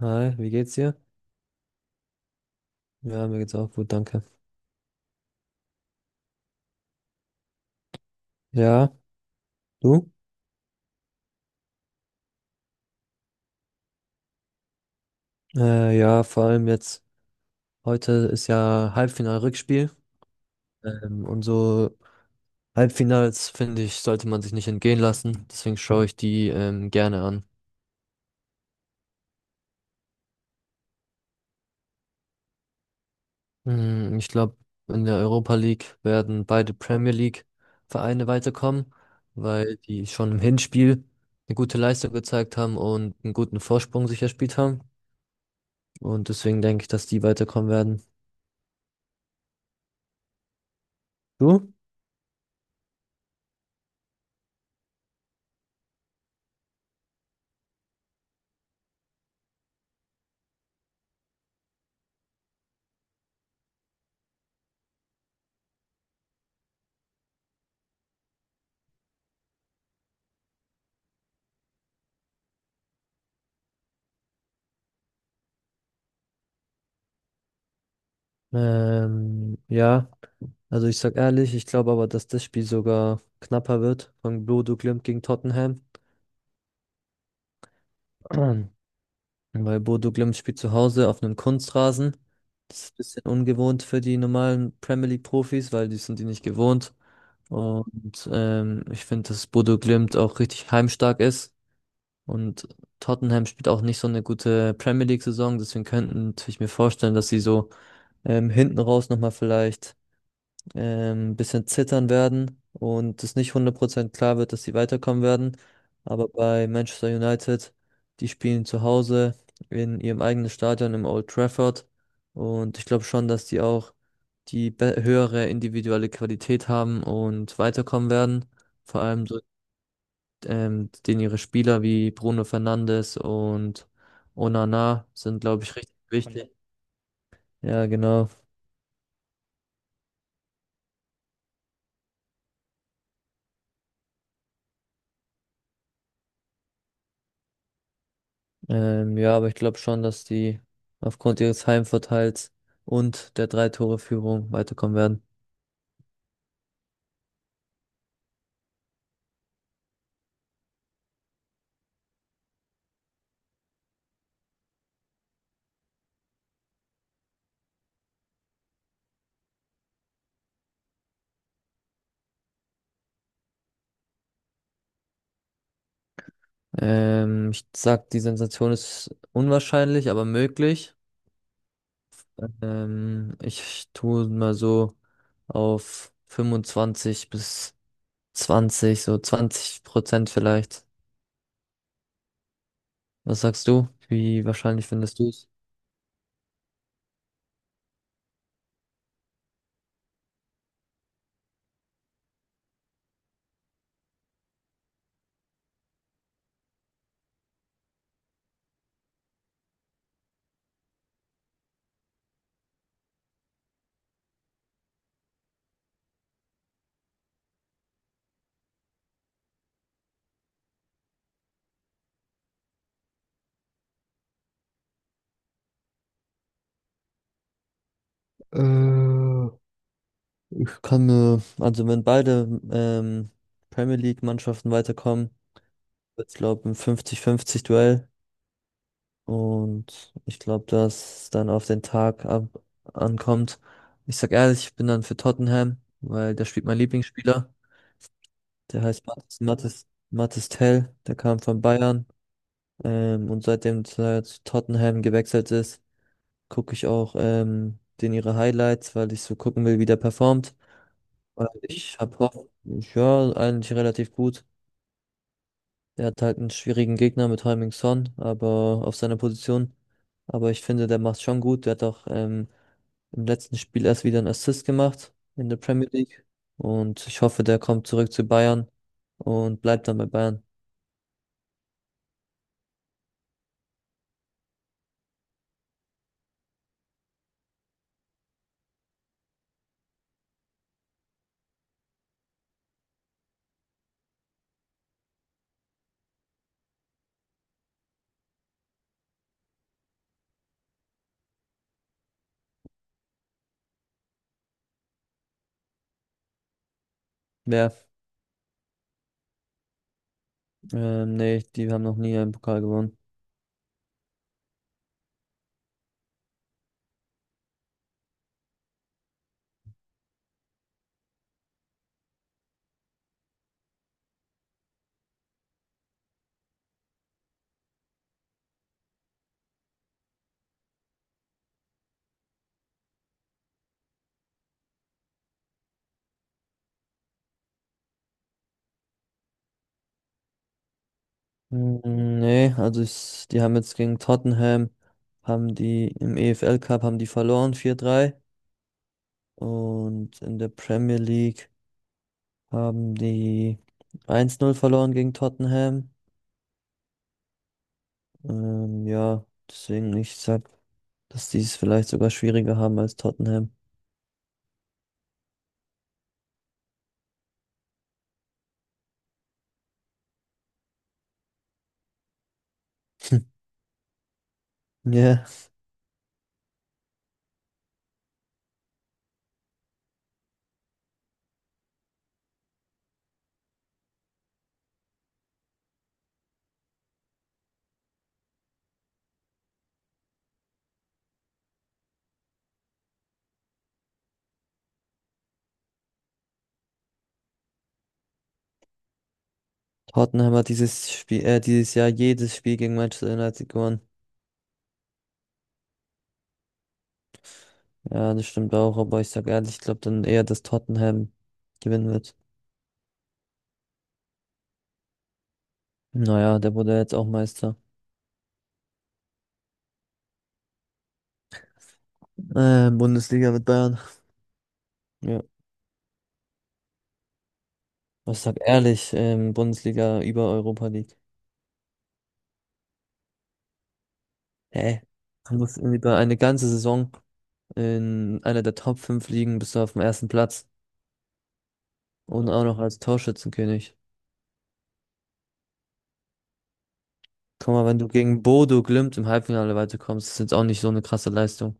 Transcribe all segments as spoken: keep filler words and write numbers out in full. Hi, wie geht's dir? Ja, mir geht's auch gut, danke. Ja, du? Äh, ja, vor allem jetzt, heute ist ja Halbfinal-Rückspiel. Ähm, und so Halbfinals, finde ich, sollte man sich nicht entgehen lassen. Deswegen schaue ich die ähm, gerne an. Mm, Ich glaube, in der Europa League werden beide Premier League-Vereine weiterkommen, weil die schon im Hinspiel eine gute Leistung gezeigt haben und einen guten Vorsprung sich erspielt haben. Und deswegen denke ich, dass die weiterkommen werden. Du? Ähm, ja, also ich sag ehrlich, ich glaube aber, dass das Spiel sogar knapper wird von Bodo Glimt gegen Tottenham. Weil Bodo Glimt spielt zu Hause auf einem Kunstrasen. Das ist ein bisschen ungewohnt für die normalen Premier League Profis, weil die sind die nicht gewohnt. Und ähm, ich finde, dass Bodo Glimt auch richtig heimstark ist. Und Tottenham spielt auch nicht so eine gute Premier League Saison. Deswegen könnte ich mir vorstellen, dass sie so ähm, hinten raus nochmal vielleicht ähm, bisschen zittern werden und es nicht hundert Prozent klar wird, dass sie weiterkommen werden. Aber bei Manchester United, die spielen zu Hause in ihrem eigenen Stadion im Old Trafford. Und ich glaube schon, dass die auch die be- höhere individuelle Qualität haben und weiterkommen werden. Vor allem so, ähm, den ihre Spieler wie Bruno Fernandes und Onana sind, glaube ich, richtig wichtig. Ja, genau. Ähm, ja, aber ich glaube schon, dass die aufgrund ihres Heimvorteils und der Drei-Tore-Führung weiterkommen werden. Ähm, ich sag, die Sensation ist unwahrscheinlich, aber möglich. Ähm, ich tue mal so auf fünfundzwanzig bis zwanzig, so zwanzig Prozent vielleicht. Was sagst du? Wie wahrscheinlich findest du es? Äh, Ich kann mir, also wenn beide ähm, Premier League-Mannschaften weiterkommen, ich glaube, ein fünfzig fünfzig-Duell. Und ich glaube, dass es dann auf den Tag ab ankommt. Ich sag ehrlich, ich bin dann für Tottenham, weil da spielt mein Lieblingsspieler. Der heißt Mathis, Mathis, Mathis Tell. Der kam von Bayern. Ähm, und seitdem er zu Tottenham gewechselt ist, gucke ich auch ähm, den ihre Highlights, weil ich so gucken will, wie der performt. Weil ich habe Hoffnung, ja, eigentlich relativ gut. Der hat halt einen schwierigen Gegner mit Heung-min Son, aber auf seiner Position. Aber ich finde, der macht schon gut. Der hat auch ähm, im letzten Spiel erst wieder einen Assist gemacht in der Premier League. Und ich hoffe, der kommt zurück zu Bayern und bleibt dann bei Bayern. Wer? Ähm, nee, die haben noch nie einen Pokal gewonnen. Mm, Nee, also ich, die haben jetzt gegen Tottenham, haben die im E F L Cup haben die verloren vier drei und in der Premier League haben die eins zu null verloren gegen Tottenham. Ähm, ja, deswegen ich sag, dass die es vielleicht sogar schwieriger haben als Tottenham. Ja, Tottenham hat dieses Spiel, äh, dieses Jahr jedes Spiel gegen Manchester United gewonnen. Ja, das stimmt auch, aber ich sag ehrlich, ich glaube dann eher, dass Tottenham gewinnen wird. Naja, der wurde ja jetzt auch Meister. Ähm, Bundesliga mit Bayern. Ja, ich sag ehrlich, ähm, Bundesliga über Europa League. Hä? Man muss über eine ganze Saison in einer der Top fünf Ligen bist du auf dem ersten Platz und auch noch als Torschützenkönig. Guck mal, wenn du gegen Bodo Glimt im Halbfinale weiterkommst, ist jetzt auch nicht so eine krasse Leistung.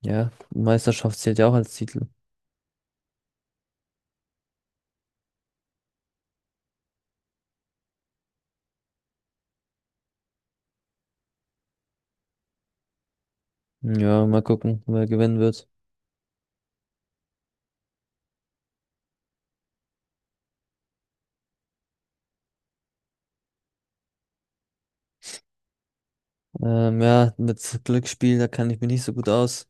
Ja, Meisterschaft zählt ja auch als Titel. Ja, mal gucken, wer gewinnen wird. Ähm, ja, mit Glücksspiel, da kann ich mich nicht so gut aus.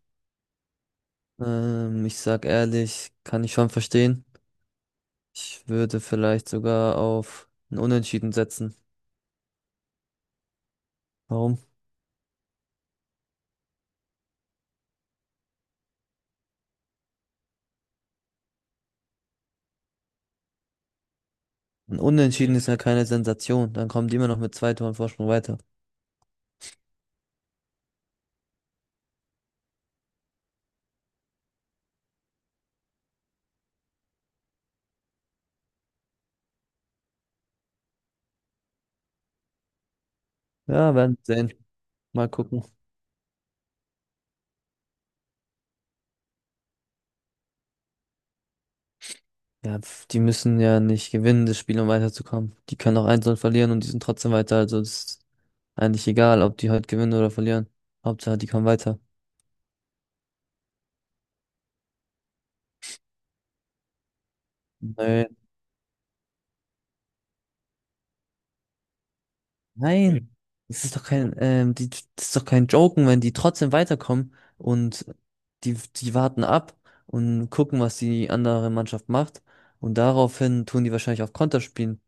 Ähm, ich sag ehrlich, kann ich schon verstehen. Ich würde vielleicht sogar auf ein Unentschieden setzen. Warum? Ein Unentschieden ist ja keine Sensation. Dann kommen die immer noch mit zwei Toren Vorsprung weiter. Ja, werden wir sehen. Mal gucken. Ja, pf, die müssen ja nicht gewinnen, das Spiel, um weiterzukommen. Die können auch eins null verlieren und die sind trotzdem weiter. Also es ist eigentlich egal, ob die heute gewinnen oder verlieren. Hauptsache, die kommen weiter. Nö, nein, das ist doch kein, ähm, die, das ist doch kein Joken, wenn die trotzdem weiterkommen und die, die warten ab und gucken, was die andere Mannschaft macht. Und daraufhin tun die wahrscheinlich auf Konter spielen.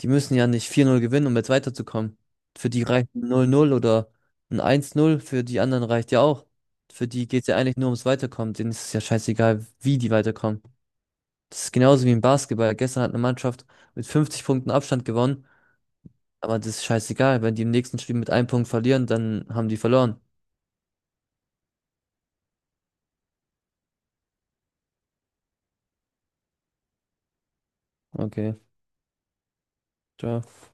Die müssen ja nicht vier null gewinnen, um jetzt weiterzukommen. Für die reicht ein null 0 oder ein eins null. Für die anderen reicht ja auch. Für die geht's ja eigentlich nur ums Weiterkommen. Denen ist es ja scheißegal, wie die weiterkommen. Das ist genauso wie im Basketball. Gestern hat eine Mannschaft mit fünfzig Punkten Abstand gewonnen, aber das ist scheißegal, wenn die im nächsten Spiel mit einem Punkt verlieren, dann haben die verloren. Okay, ciao.